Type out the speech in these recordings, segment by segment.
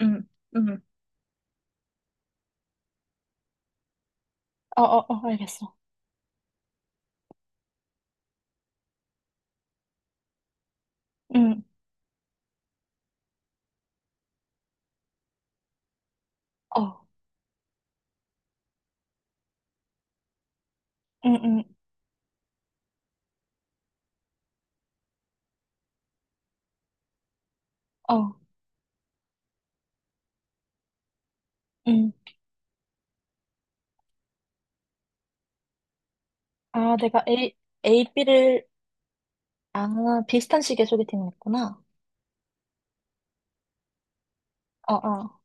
응, 응. 어, 어, 어, 알겠어. 응, 어, 응, 응, 어, 응. 아, 내가 A, B를, 아, 비슷한 식의 소개팅을 했구나. 어, 어,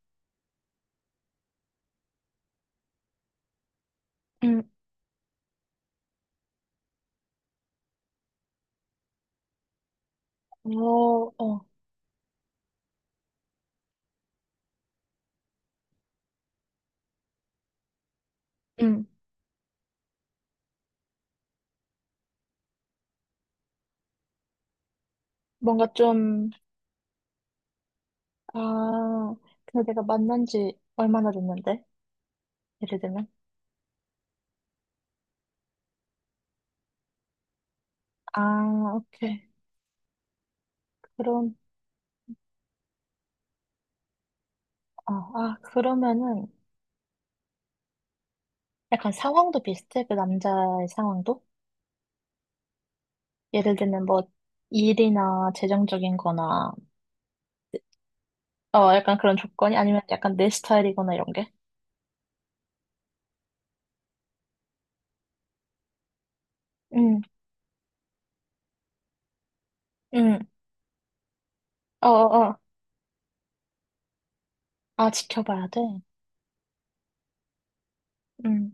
응, 어, 어, 응. 뭔가 좀, 아, 근데 내가 만난 지 얼마나 됐는데? 예를 들면? 아, 오케이. 그럼, 어, 아, 그러면은 약간 상황도 비슷해? 그 남자의 상황도? 예를 들면 뭐, 일이나 재정적인 거나 어, 약간 그런 조건이 아니면 약간 내 스타일이거나 이런 게? 응, 응, 어, 어, 어. 아, 지켜봐야 돼. 응.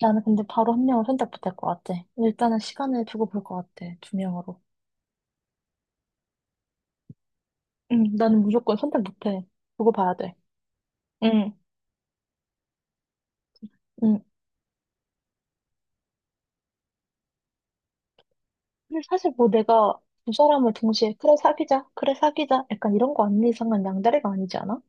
나는 근데 바로 한 명을 선택 못할 것 같아. 일단은 시간을 두고 볼 것 같아. 두 명으로. 응, 나는 무조건 선택 못해. 두고 봐야 돼. 응, 응. 근데 사실 뭐 내가 두 사람을 동시에, 그래, 사귀자, 그래, 사귀자, 약간 이런 거 아닌 이상은 양다리가 아니지 않아?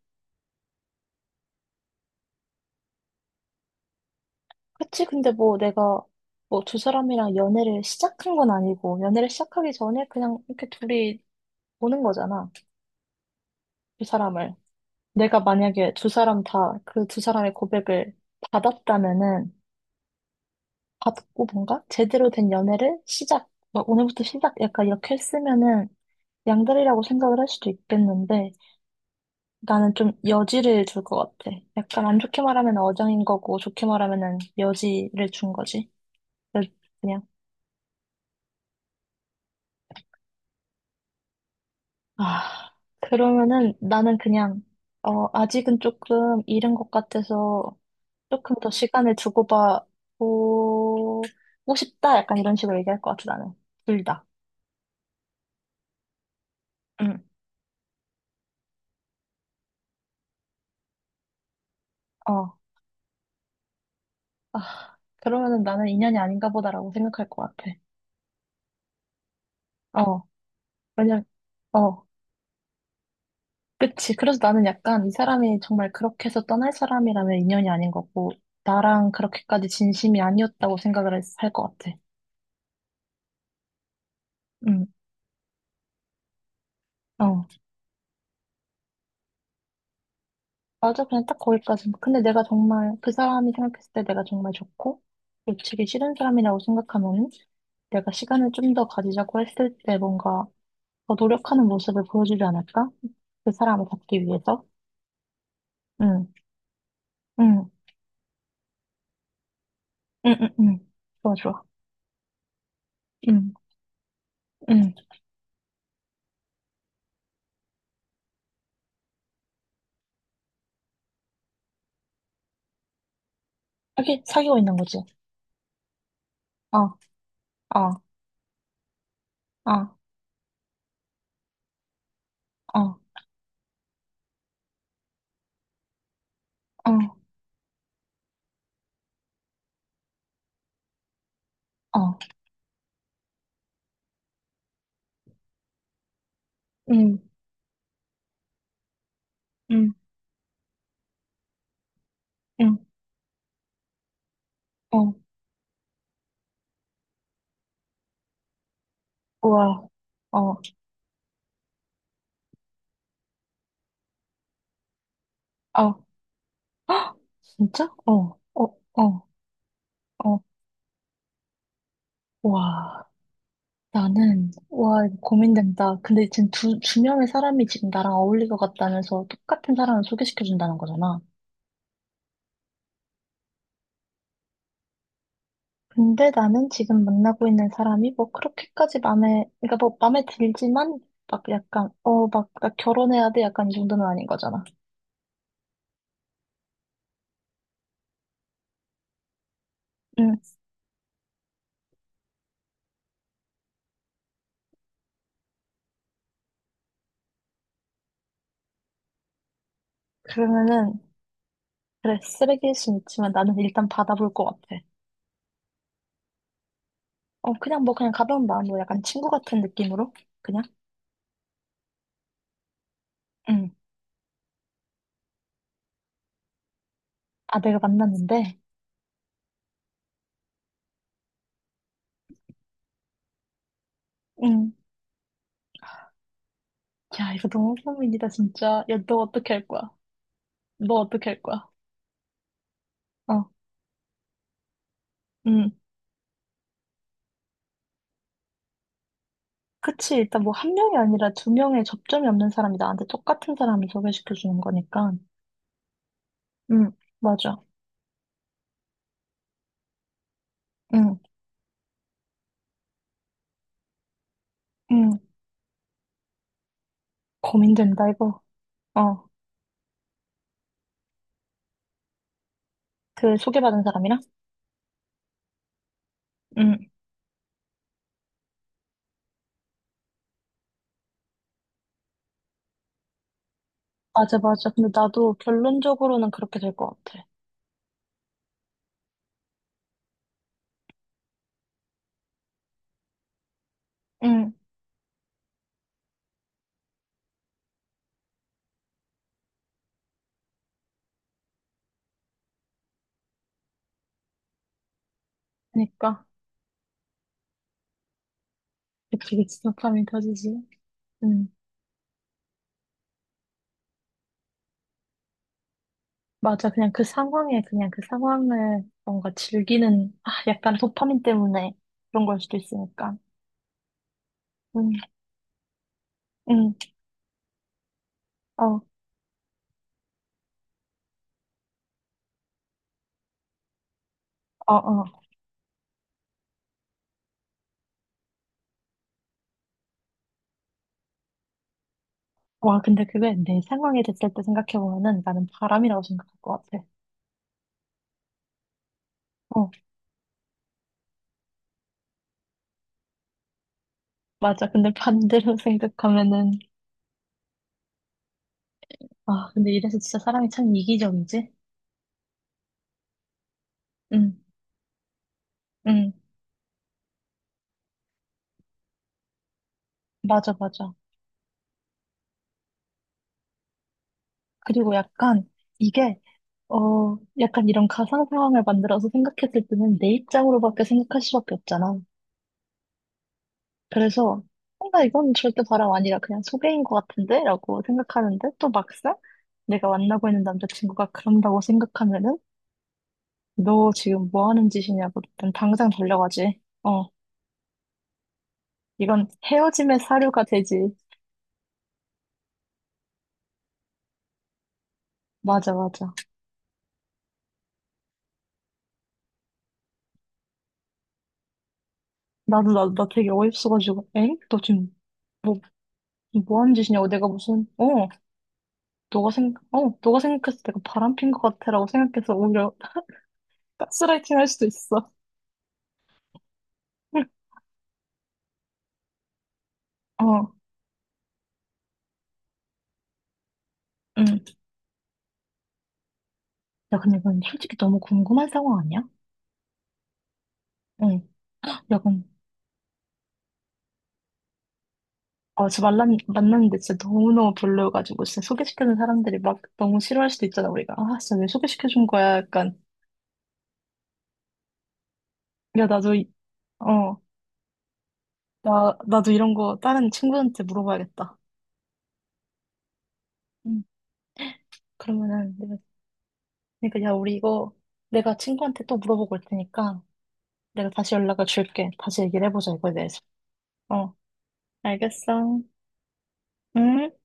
그치? 근데 뭐 내가 뭐 두 사람이랑 연애를 시작한 건 아니고, 연애를 시작하기 전에 그냥 이렇게 둘이 보는 거잖아. 두 사람을. 내가 만약에 두 사람 다 그 두 사람의 고백을 받았다면은 받고 뭔가 제대로 된 연애를 시작, 막 오늘부터 시작 약간 이렇게 했으면은 양다리라고 생각을 할 수도 있겠는데 나는 좀 여지를 줄 것 같아. 약간 안 좋게 말하면 어장인 거고 좋게 말하면은 여지를 준 거지. 그래서 그냥 아 그러면은 나는 그냥 어 아직은 조금 이른 것 같아서 조금 더 시간을 주고받고 고 싶다. 약간 이런 식으로 얘기할 것 같아, 나는. 둘 다. 응, 어. 아, 그러면은 나는 인연이 아닌가 보다라고 생각할 것 같아. 어. 왜냐, 어. 그치. 그래서 나는 약간 이 사람이 정말 그렇게 해서 떠날 사람이라면 인연이 아닌 거고, 나랑 그렇게까지 진심이 아니었다고 생각을 할 것 같아. 응, 어. 맞아, 그냥 딱 거기까지. 근데 내가 정말 그 사람이 생각했을 때 내가 정말 좋고 놓치기 싫은 사람이라고 생각하면 내가 시간을 좀 더 가지자고 했을 때 뭔가 더 노력하는 모습을 보여주지 않을까? 그 사람을 잡기 위해서. 응, 응, 응, 응, 응. 좋아, 좋아. 응, 응. 사귀고 있는 거지. 어, 어, 어, 어, 어, 어. 응, 응, 응, 어. 우와, 어, 어. 헉, 진짜? 어, 어, 어, 어. 우와. 나는, 와, 이거 고민된다. 근데 지금 두 명의 사람이 지금 나랑 어울릴 것 같다면서 똑같은 사람을 소개시켜준다는 거잖아. 근데 나는 지금 만나고 있는 사람이 뭐 그렇게까지 마음에, 그러니까 뭐 마음에 들지만, 막 약간, 어, 막, 나 결혼해야 돼. 약간 이 정도는 아닌 거잖아. 응, 그러면은, 그래, 쓰레기일 순 있지만 나는 일단 받아볼 것 같아. 어, 그냥 뭐, 그냥 가벼운 마음으로 약간 친구 같은 느낌으로? 그냥? 응. 아, 내가 만났는데? 응. 야, 이거 너무 고민이다, 진짜. 야, 너 어떻게 할 거야? 너 어떻게 할 거야? 어, 음. 그치. 일단 뭐 한 명이 아니라 두 명의 접점이 없는 사람이 나한테 똑같은 사람을 소개시켜 주는 거니까. 응, 맞아. 음, 음, 고민된다, 이거. 어, 그 소개받은 사람이랑? 음, 맞아, 맞아. 근데 나도 결론적으로는 그렇게 될 것 같아. 응, 그러니까. 그치, 그치. 도파민 터지지. 응, 맞아. 그냥 그 상황에, 그냥 그 상황을 뭔가 즐기는, 아, 약간 도파민 때문에 그런 걸 수도 있으니까. 응, 응, 어, 어, 어, 와, 근데 그게 내 상황이 됐을 때 생각해보면은 나는 바람이라고 생각할 것 같아. 어, 맞아. 근데 반대로 생각하면은, 아, 근데 이래서 진짜 사람이 참 이기적이지? 응, 응, 맞아, 맞아. 그리고 약간 이게, 어, 약간 이런 가상 상황을 만들어서 생각했을 때는 내 입장으로밖에 생각할 수밖에 없잖아. 그래서, 뭔가 이건 절대 바람 아니라 그냥 소개인 것 같은데? 라고 생각하는데 또 막상 내가 만나고 있는 남자친구가 그런다고 생각하면은 너 지금 뭐 하는 짓이냐고. 난 당장 달려가지. 어, 이건 헤어짐의 사료가 되지. 맞아, 맞아. 나도, 나 되게 어이없어가지고. 엥? 너 지금 뭐, 뭐 하는 짓이냐고. 내가 무슨, 어, 너가 생각, 어, 너가 생각해서 내가 바람핀 것 같아라고 생각해서 오히려 가스라이팅 할 수도 있어. 어, 응. 야, 근데 이건 솔직히 너무 궁금한 상황 아니야? 응. 야, 그럼 어, 저 만났는데 진짜 너무너무 별로여가지고, 진짜 소개시켜준 사람들이 막 너무 싫어할 수도 있잖아, 우리가. 아, 진짜 왜 소개시켜준 거야? 약간, 야, 어, 나, 나도 이런 거 다른 친구한테 물어봐야겠다. 응. 그러면은, 내가, 그러니까, 야, 우리 이거, 내가 친구한테 또 물어보고 올 테니까, 내가 다시 연락을 줄게. 다시 얘기를 해보자, 이거에 대해서. 어, 알겠어. 응?